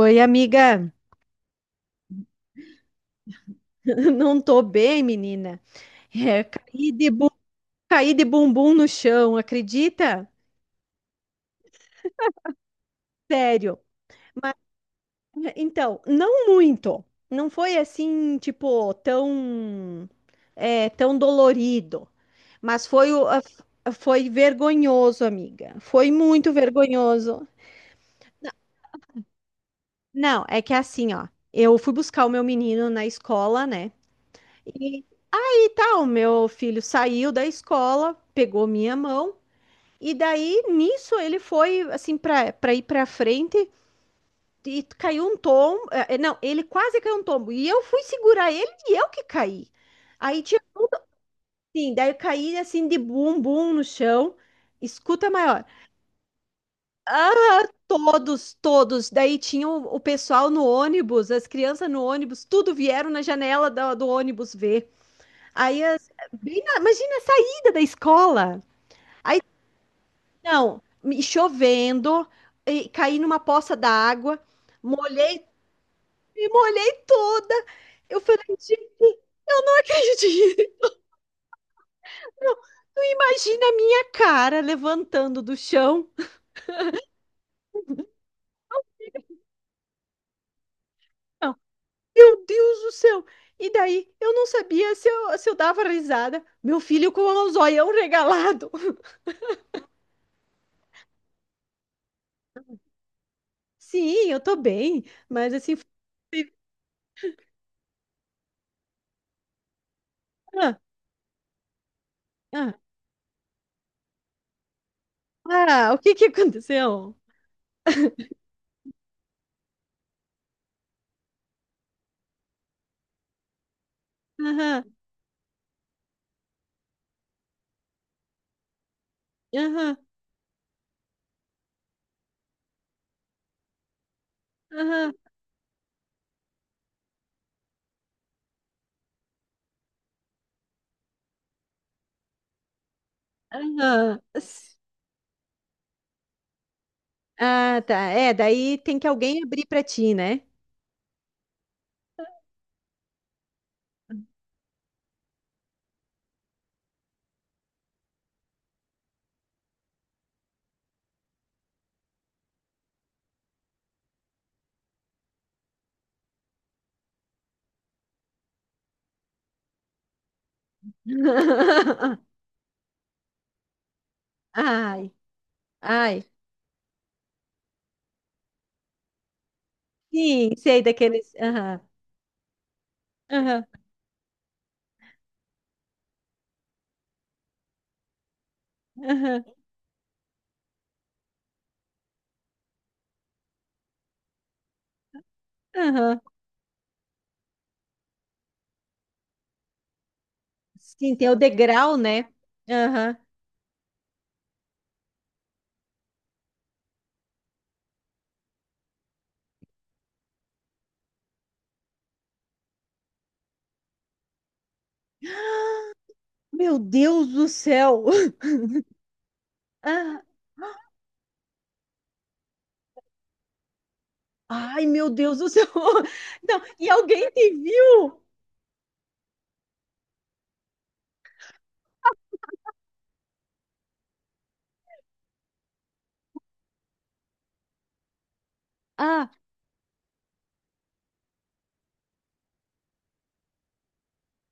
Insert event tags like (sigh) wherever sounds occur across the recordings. Oi, amiga. (laughs) Não tô bem, menina. É, caí de bumbum no chão, acredita? Sério. Mas, então, não muito. Não foi assim, tipo, tão, tão dolorido. Mas foi, foi vergonhoso, amiga. Foi muito vergonhoso. Não, é que assim, ó. Eu fui buscar o meu menino na escola, né? E, e tal, meu filho saiu da escola, pegou minha mão. E daí, nisso, ele foi, assim, para ir para frente e caiu um tombo. Não, ele quase caiu um tombo. E eu fui segurar ele e eu que caí. Aí tinha assim, daí eu caí assim de bumbum no chão. Escuta maior. Ah, todos, todos. Daí tinha o pessoal no ônibus, as crianças no ônibus, tudo vieram na janela do ônibus ver. Aí, imagina a saída da escola. Não, me chovendo, e caí numa poça d'água, molhei, me molhei toda. Eu falei, gente, eu não acredito. Não, tu imagina a minha cara levantando do chão. Não, meu Deus do céu. E daí, eu não sabia se eu dava risada. Meu filho com o zoião regalado. Sim, eu tô bem, mas assim, foi- ah, ah, ah, o que que aconteceu? Aham, aham, aham, aham. Ah, tá. É, daí tem que alguém abrir pra ti, né? (laughs) Ai, ai. Sim, sei daqueles. Aham, aham, aham, aham. Sim, tem o degrau, né? Aham. Meu Deus do céu! (laughs) Ah, ai, meu Deus do céu! (laughs) Não, e alguém te viu? Ah,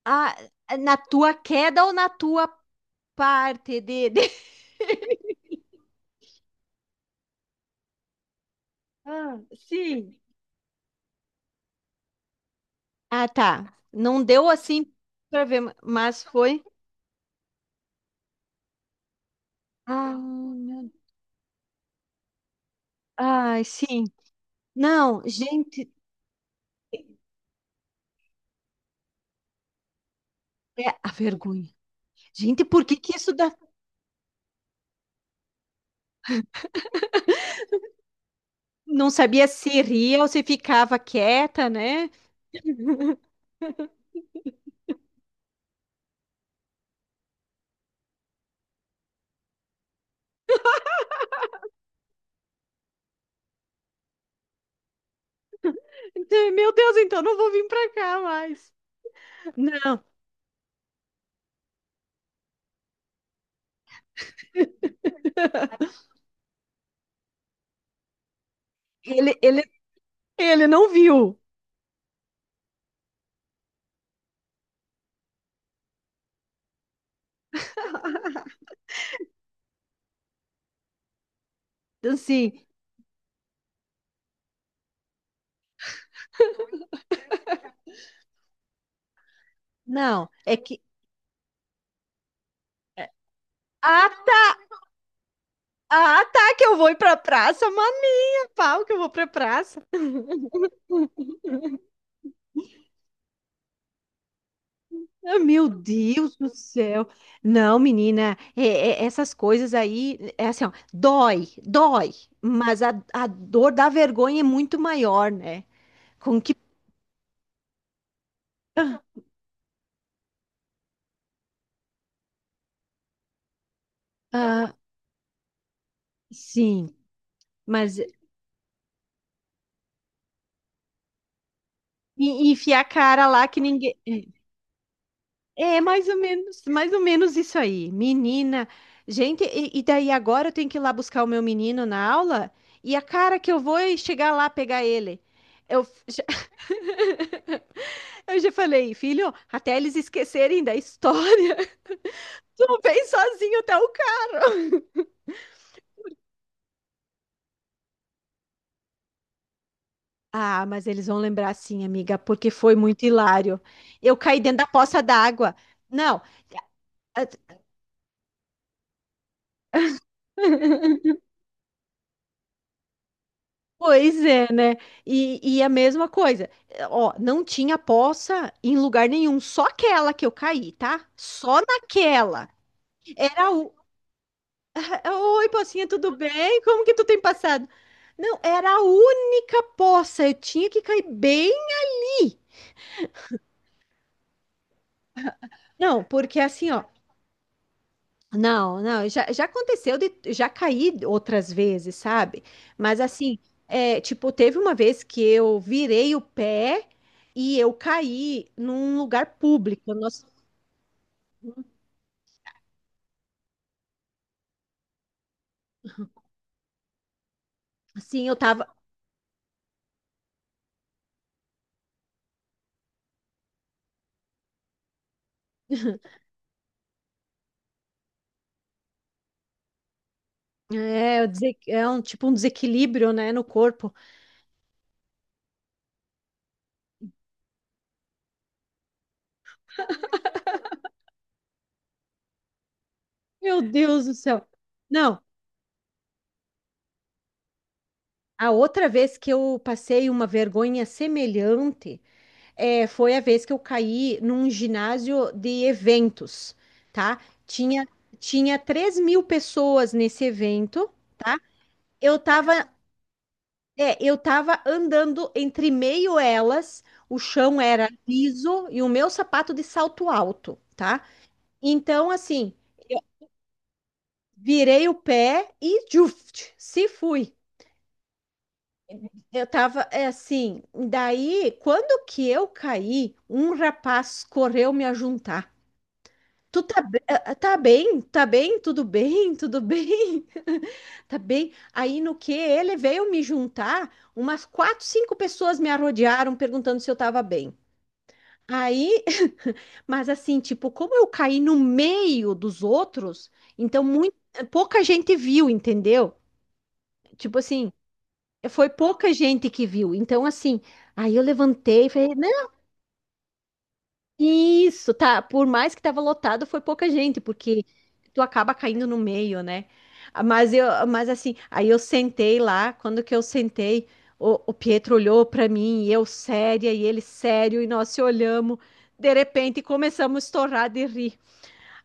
ah, na tua queda ou na tua parte (laughs) Ah, sim. Ah, tá. Não deu assim pra ver, mas foi. Ah, meu. Ai, sim. Não, gente, é a vergonha. Gente, por que que isso dá? Não sabia se ria ou se ficava quieta, né? Então, meu Deus, então não vou vir pra cá mais. Não, ele, ele, ele não viu. Assim, não, é que. é, Ah, tá, ah, tá, que eu vou ir pra praça, maninha, pau, que eu vou pra praça. (laughs) Ah, meu Deus do céu. Não, menina, essas coisas aí, é assim, ó, dói, dói, mas a dor da vergonha é muito maior, né? Com que. Ah, ah, sim, mas e enfiar a cara lá que ninguém. É mais ou menos isso aí. Menina, gente, e daí agora eu tenho que ir lá buscar o meu menino na aula e a cara que eu vou é chegar lá pegar ele. Já, (laughs) eu já falei, filho, até eles esquecerem da história, (laughs) tu vem sozinho até o carro. Ah, mas eles vão lembrar sim, amiga, porque foi muito hilário. Eu caí dentro da poça d'água. Não. (laughs) Pois é, né? E a mesma coisa, eh, ó, não tinha poça em lugar nenhum, só aquela que eu caí, tá? Só naquela. Era o. (laughs) Oi, pocinha, tudo bem? Como que tu tem passado? Não, era a única poça, eu tinha que cair bem. Não, porque assim, ó, não, não, já aconteceu já caí outras vezes, sabe? Mas assim, é, tipo, teve uma vez que eu virei o pé e eu caí num lugar público. Nossa, assim, eu tava, (laughs) é, é um tipo um desequilíbrio, né, no corpo. Meu Deus do céu. Não, a outra vez que eu passei uma vergonha semelhante foi a vez que eu caí num ginásio de eventos, tá? Tinha, tinha 3.000 pessoas nesse evento. Eu tava, eu tava andando entre meio elas, o chão era liso e o meu sapato de salto alto, tá? Então, assim, virei o pé e juft, se fui. Eu tava assim, daí, quando que eu caí, um rapaz correu me ajuntar. Tu tá, tá bem? Tá bem? Tudo bem? Tudo bem? (laughs) Tá bem? Aí no que ele veio me juntar, umas quatro, cinco pessoas me arrodearam perguntando se eu tava bem. Aí, (laughs) mas assim, tipo, como eu caí no meio dos outros, então muito, pouca gente viu, entendeu? Tipo assim, foi pouca gente que viu. Então, assim, aí eu levantei e falei, isso, tá. Por mais que tava lotado, foi pouca gente, porque tu acaba caindo no meio, né? Ah, mas eu, mas assim, aí eu sentei lá, quando que eu sentei, o Pietro olhou pra mim, e eu séria, e ele sério, e nós se olhamos. De repente começamos a estourar de rir.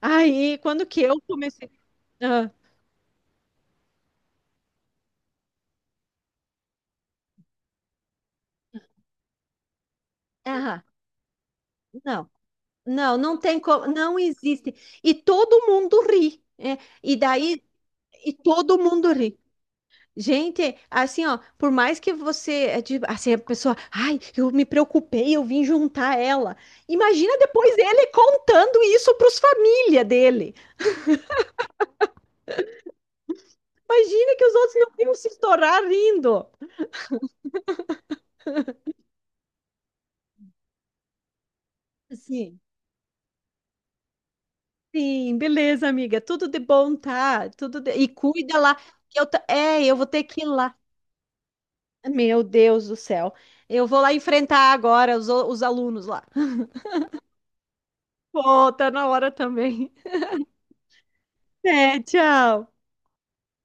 Aí, quando que eu comecei. Ah, ah, não, não, não tem como, não existe. E todo mundo ri, né? E daí, e todo mundo ri. Gente, assim, ó, por mais que você, é de- assim, a pessoa, ai, eu me preocupei, eu vim juntar ela. Imagina depois ele contando isso para os família dele. Imagina que os outros não iam se estourar rindo. Sim, sim, beleza, amiga, tudo de bom, tá? E cuida lá, que eu vou ter que ir lá. Meu Deus do céu. Eu vou lá enfrentar agora os alunos lá. Pô, tá na hora também. É, tchau.